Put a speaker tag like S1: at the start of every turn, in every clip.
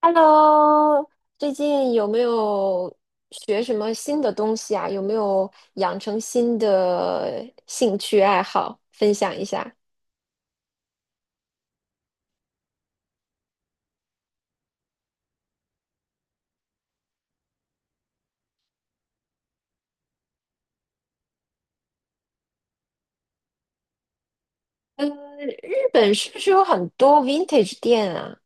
S1: Hello,最近有没有学什么新的东西啊？有没有养成新的兴趣爱好？分享一下。嗯，日本是不是有很多 vintage 店啊？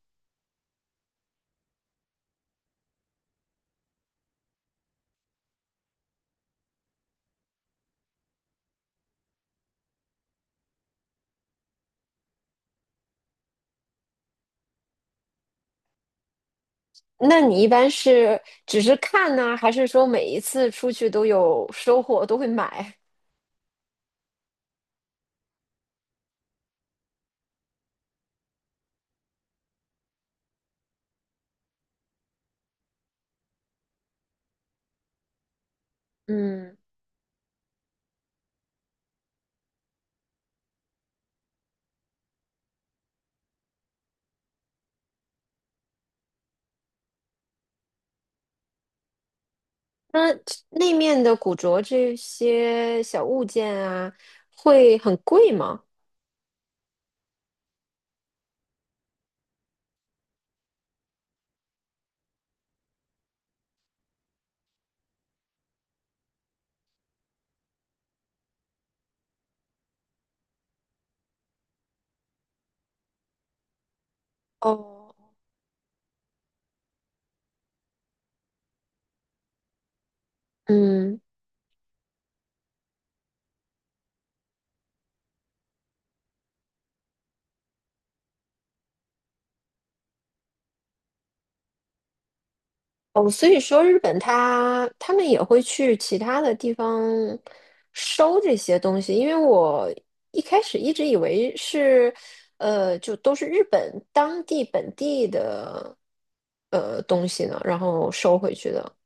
S1: 那你一般是只是看呢，还是说每一次出去都有收获，都会买？嗯，那那面的古着这些小物件啊，会很贵吗？哦，嗯。哦，所以说日本他们也会去其他的地方收这些东西，因为我一开始一直以为是，就都是日本当地本地的东西呢，然后收回去的。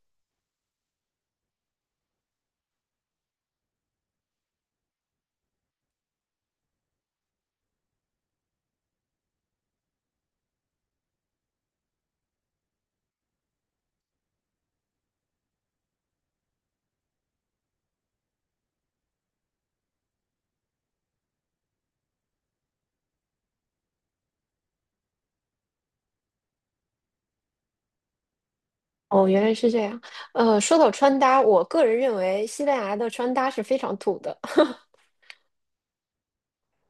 S1: 哦，原来是这样。说到穿搭，我个人认为西班牙的穿搭是非常土的。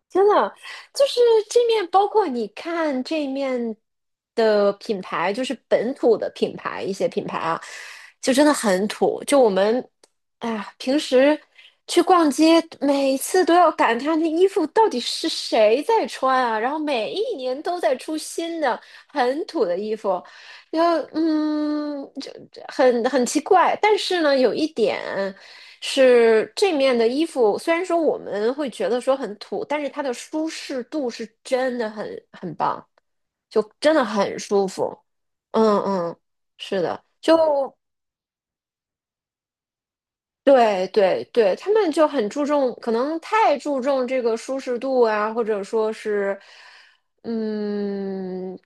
S1: 真的，就是这面，包括你看这面的品牌，就是本土的品牌，一些品牌啊，就真的很土。就我们，哎呀，平时去逛街，每次都要感叹那衣服到底是谁在穿啊，然后每一年都在出新的很土的衣服，要就很奇怪，但是呢，有一点是这面的衣服，虽然说我们会觉得说很土，但是它的舒适度是真的很棒，就真的很舒服。嗯嗯，是的，就对对对，他们就很注重，可能太注重这个舒适度啊，或者说是，嗯，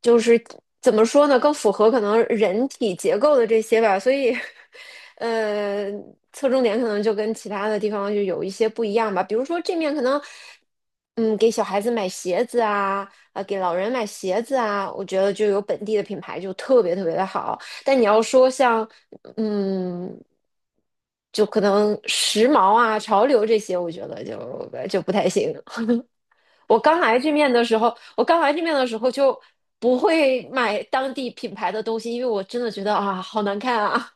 S1: 就是怎么说呢，更符合可能人体结构的这些吧，所以，呃，侧重点可能就跟其他的地方就有一些不一样吧。比如说这面可能，嗯，给小孩子买鞋子啊，啊，给老人买鞋子啊，我觉得就有本地的品牌就特别特别的好。但你要说像嗯，就可能时髦啊、潮流这些，我觉得就不太行。我刚来这面的时候就不会买当地品牌的东西，因为我真的觉得啊，好难看啊。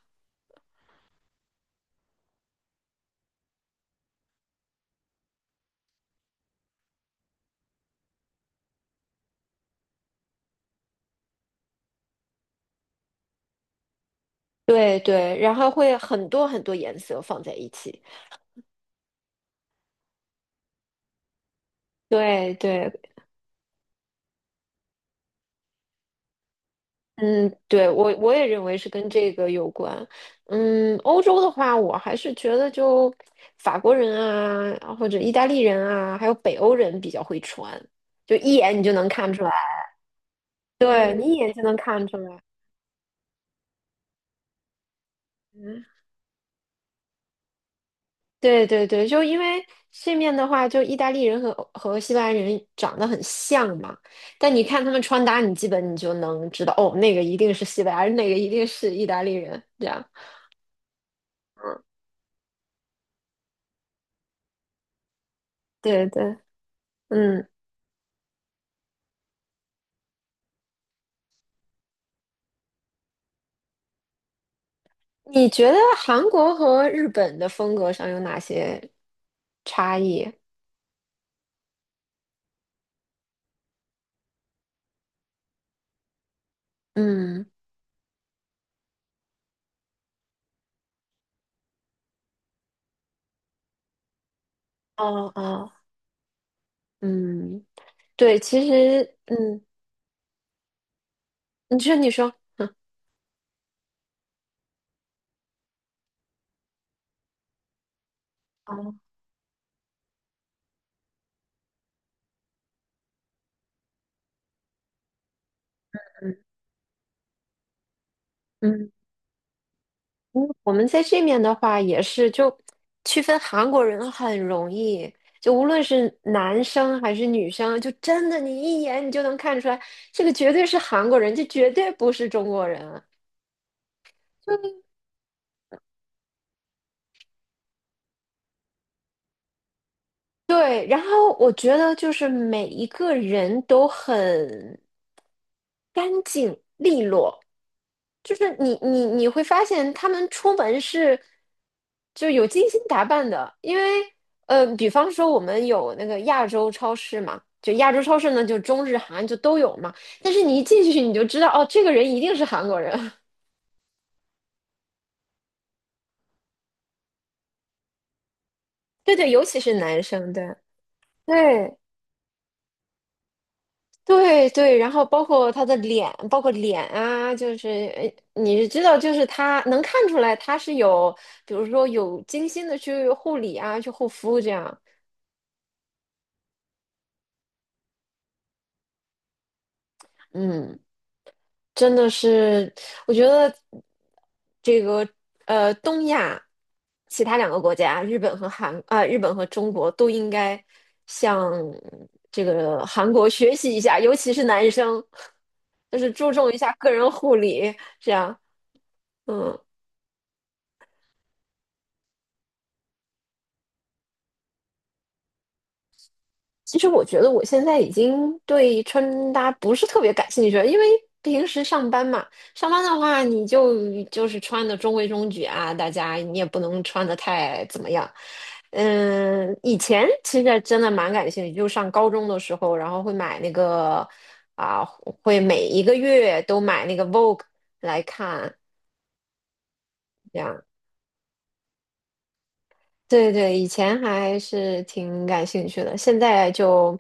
S1: 对对，然后会很多很多颜色放在一起。对对，嗯，对，我也认为是跟这个有关。嗯，欧洲的话，我还是觉得就法国人啊，或者意大利人啊，还有北欧人比较会穿，就一眼你就能看出来。对，你一眼就能看出来。嗯，对对对，就因为这面的话，就意大利人和西班牙人长得很像嘛，但你看他们穿搭，你基本你就能知道，哦，那个一定是西班牙人，那个一定是意大利人，这样。对对，嗯。你觉得韩国和日本的风格上有哪些差异？嗯，哦哦，嗯，对，其实，嗯，你说，你说，嗯哦，嗯嗯，嗯我们在这面的话也是，就区分韩国人很容易，就无论是男生还是女生，就真的你一眼你就能看出来，这个绝对是韩国人，这绝对不是中国人。就。对，然后我觉得就是每一个人都很干净利落，就是你会发现他们出门是就有精心打扮的，因为比方说我们有那个亚洲超市嘛，就亚洲超市呢，就中日韩就都有嘛，但是你一进去你就知道哦，这个人一定是韩国人，对对，尤其是男生，对对。对对，然后包括他的脸，包括脸啊，就是呃你是知道，就是他能看出来他是有，比如说有精心的去护理啊，去护肤这样，嗯，真的是，我觉得这个东亚其他两个国家，日本和韩啊、日本和中国都应该向这个韩国学习一下，尤其是男生，就是注重一下个人护理，这样，嗯。其实我觉得我现在已经对穿搭不是特别感兴趣了，因为平时上班嘛，上班的话你就是穿的中规中矩啊，大家你也不能穿的太怎么样。嗯，以前其实真的蛮感兴趣，就上高中的时候，然后会买那个啊，会每一个月都买那个 Vogue 来看。这样。对对，以前还是挺感兴趣的，现在就，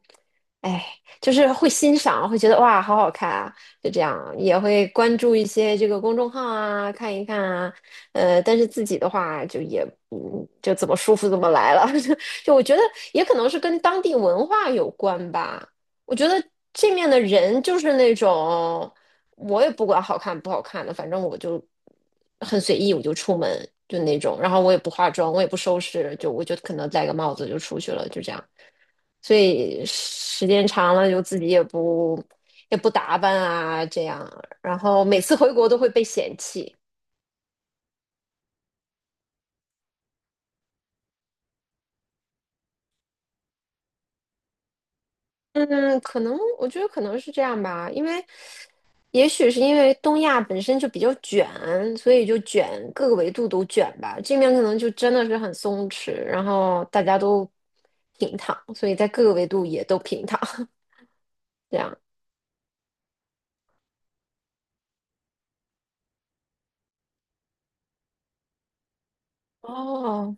S1: 哎，就是会欣赏，会觉得哇，好好看啊，就这样，也会关注一些这个公众号啊，看一看啊，但是自己的话就也，就怎么舒服怎么来了，就我觉得也可能是跟当地文化有关吧，我觉得这面的人就是那种。我也不管好看不好看的，反正我就很随意，我就出门就那种，然后我也不化妆，我也不收拾，就我就可能戴个帽子就出去了，就这样。所以时间长了，就自己也不打扮啊，这样，然后每次回国都会被嫌弃。嗯，可能我觉得可能是这样吧，因为也许是因为东亚本身就比较卷，所以就卷各个维度都卷吧。这面可能就真的是很松弛，然后大家都平躺，所以在各个维度也都平躺。这样。哦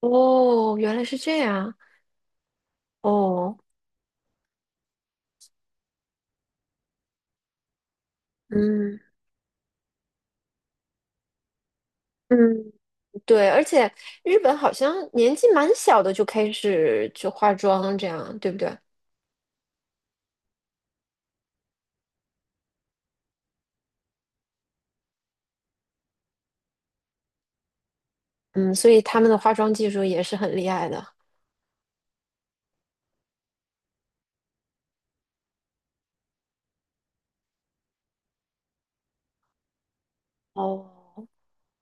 S1: 哦，原来是这样。哦，嗯嗯，对，而且日本好像年纪蛮小的就开始就化妆，这样对不对？嗯，所以他们的化妆技术也是很厉害的。哦，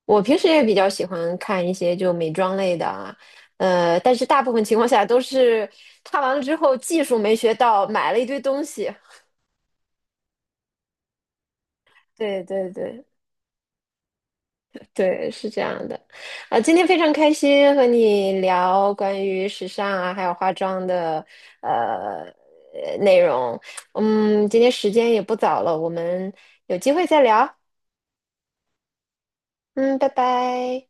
S1: 我平时也比较喜欢看一些就美妆类的啊，但是大部分情况下都是看完了之后技术没学到，买了一堆东西。对对对对，是这样的。啊、今天非常开心和你聊关于时尚啊，还有化妆的呃内容。嗯，今天时间也不早了，我们有机会再聊。嗯，拜拜。